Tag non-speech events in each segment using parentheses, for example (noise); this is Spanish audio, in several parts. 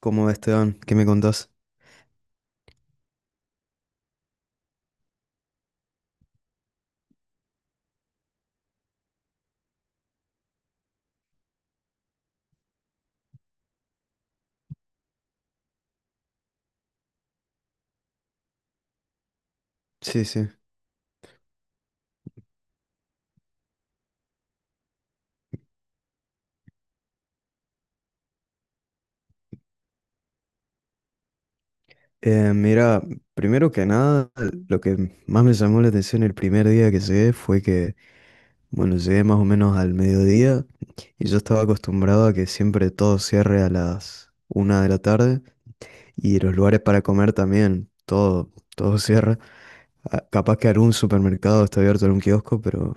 ¿Cómo Esteban? ¿Qué me contás? Sí, sí. Mira, primero que nada, lo que más me llamó la atención el primer día que llegué fue que, bueno, llegué más o menos al mediodía y yo estaba acostumbrado a que siempre todo cierre a las 1 de la tarde y los lugares para comer también, todo cierra. Ah, capaz que algún supermercado está abierto, algún kiosco, pero,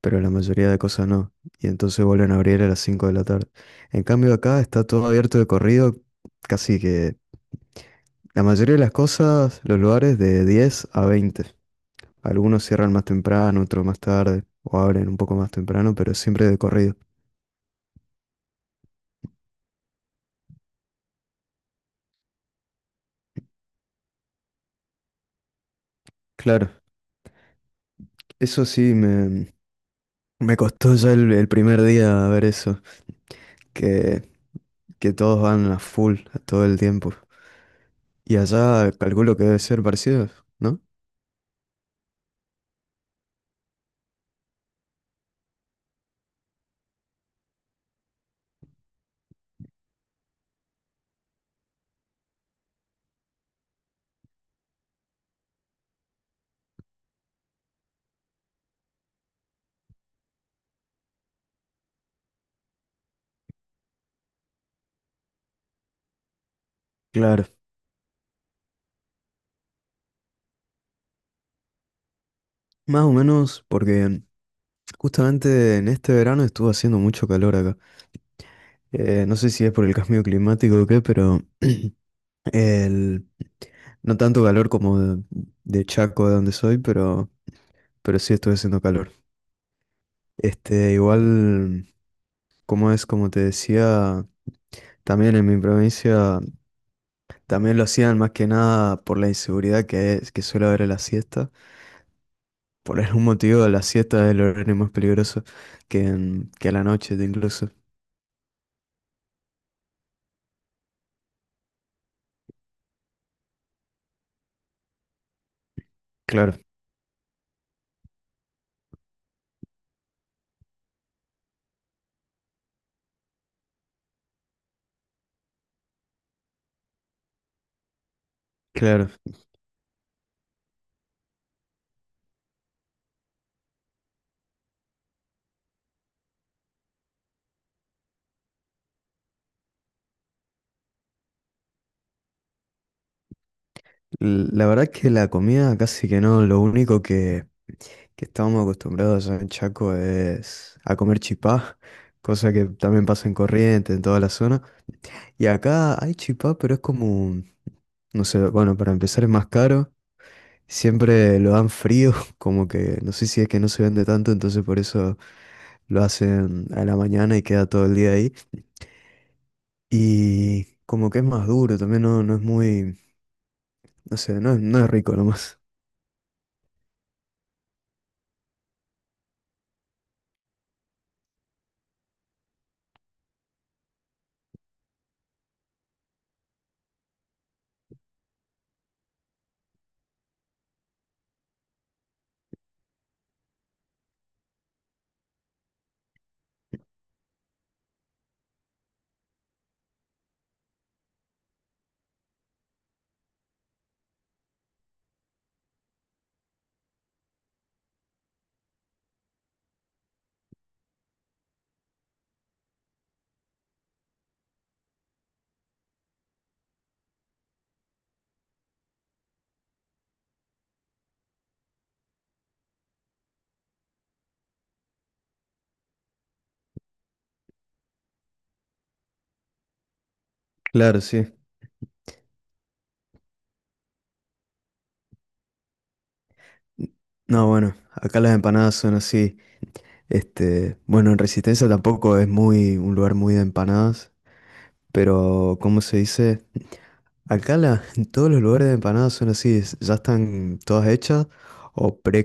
pero la mayoría de cosas no. Y entonces vuelven a abrir a las 5 de la tarde. En cambio acá está todo abierto de corrido, casi que la mayoría de las cosas, los lugares de 10 a 20. Algunos cierran más temprano, otros más tarde, o abren un poco más temprano, pero siempre de corrido. Claro, eso sí, me costó ya el primer día ver eso, que, que todos van a full todo el tiempo. Y allá calculo que debe ser parecido, ¿no? Claro, más o menos porque justamente en este verano estuvo haciendo mucho calor acá. No sé si es por el cambio climático o qué, pero. (clears throat) El, no tanto calor como de Chaco, de donde soy, pero sí estuve haciendo calor. Este, igual, como es, como te decía, también en mi provincia, también lo hacían más que nada por la inseguridad que suele haber en la siesta. Por algún motivo, la siesta es el horario más peligroso que a la noche incluso. Claro, claro. La verdad que la comida casi que no, lo único que estábamos acostumbrados allá en Chaco es a comer chipá, cosa que también pasa en Corrientes, en toda la zona. Y acá hay chipá, pero es como, no sé, bueno, para empezar es más caro. Siempre lo dan frío, (laughs) como que no sé si es que no se vende tanto, entonces por eso lo hacen a la mañana y queda todo el día ahí. Y como que es más duro, también no es muy, no sé, no es rico nomás. Claro, sí. No, bueno, acá las empanadas son así. Este, bueno, en Resistencia tampoco es muy un lugar muy de empanadas, pero ¿cómo se dice? Acá (laughs) en todos los lugares de empanadas son así, ya están todas hechas o pre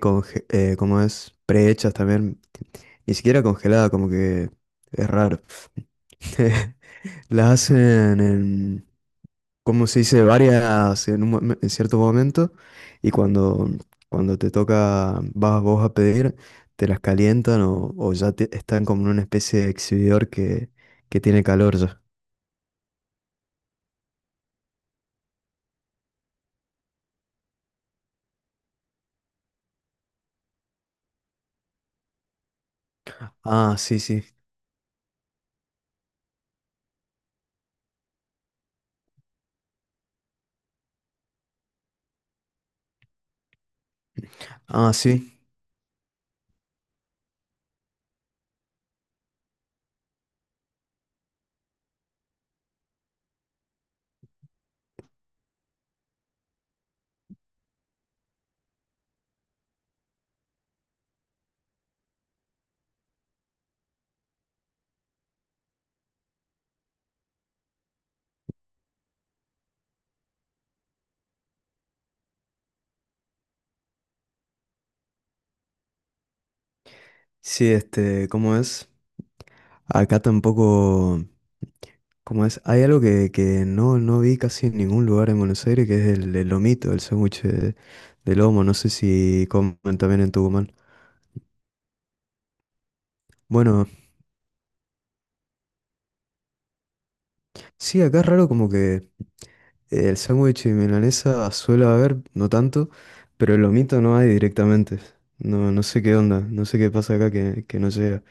¿cómo es? Prehechas también, ni siquiera congeladas, como que es raro. (laughs) Las hacen en, cómo se dice, varias en cierto momento y cuando te toca, vas vos a pedir, te las calientan o ya están como en una especie de exhibidor que tiene calor ya. Ah, sí, sí. Ah, sí. Sí, este, ¿cómo es? Acá tampoco, ¿cómo es? Hay algo que no vi casi en ningún lugar en Buenos Aires, que es el lomito, el sándwich de lomo. No sé si comen también en Tucumán. Bueno, sí, acá es raro como que. El sándwich de milanesa suele haber, no tanto, pero el lomito no hay directamente. No, no sé qué onda, no sé qué pasa acá que no llega.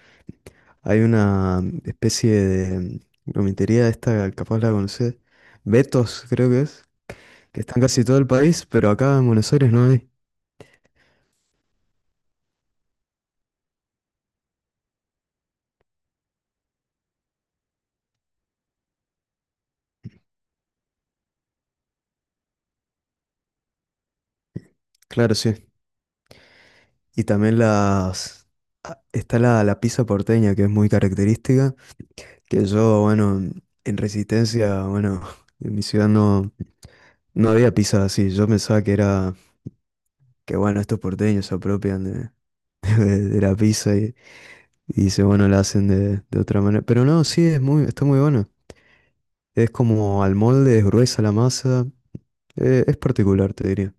Hay una especie de lomitería esta, capaz la conocés, Betos creo que es, que está en casi todo el país, pero acá en Buenos Aires no hay. Claro, sí. Y también está la pizza porteña, que es muy característica, que yo, bueno, en Resistencia, bueno, (laughs) en mi ciudad no. No había pizza así, yo pensaba que era que bueno, estos porteños se apropian (laughs) de la pizza y se bueno, la hacen de otra manera. Pero no, sí, está muy bueno. Es como al molde, es gruesa la masa. Es particular, te diría.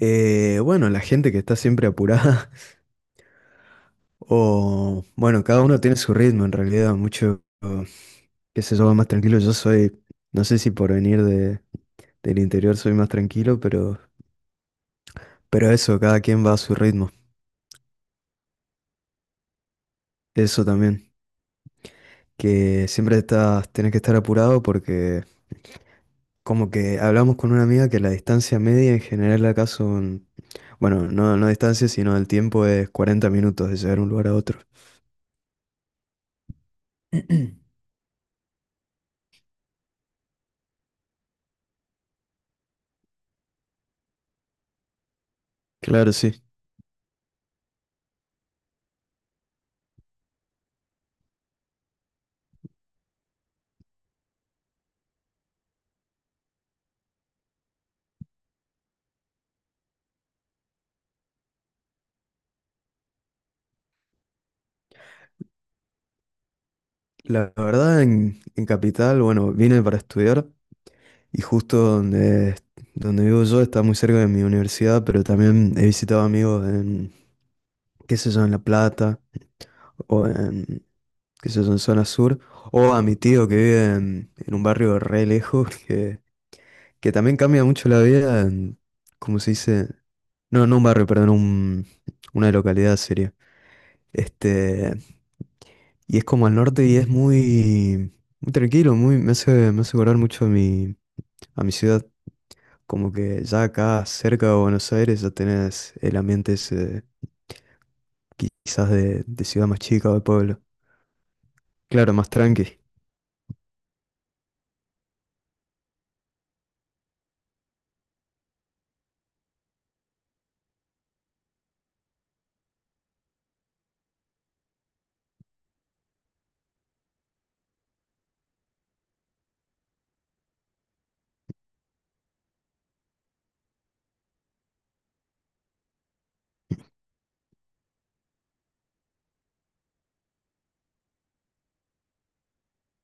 Bueno, la gente que está siempre apurada. (laughs) O bueno, cada uno tiene su ritmo en realidad. Mucho, qué sé yo, más tranquilo. Yo soy, no sé si por venir del interior soy más tranquilo, pero eso, cada quien va a su ritmo. Eso también. Que siempre tienes que estar apurado porque como que hablamos con una amiga que la distancia media en general acá son, bueno, no, no distancia, sino el tiempo es 40 minutos de llegar de un lugar a otro. (clears throat) Claro, sí. La verdad, en Capital, bueno, vine para estudiar y justo donde vivo yo está muy cerca de mi universidad, pero también he visitado amigos qué sé yo, en La Plata o qué sé yo, en zona sur, o a mi tío que vive en un barrio re lejos, (laughs) que también cambia mucho la vida, ¿cómo se dice? No, no un barrio, perdón, una localidad sería. Este, y es como al norte y es muy, muy tranquilo, me hace acordar mucho a mi ciudad. Como que ya acá cerca de Buenos Aires ya tenés el ambiente ese, quizás de ciudad más chica o de pueblo. Claro, más tranqui.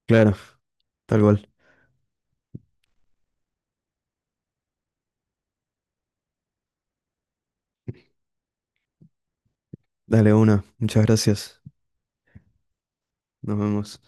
Claro, tal cual. Dale una. Muchas gracias. Nos vemos.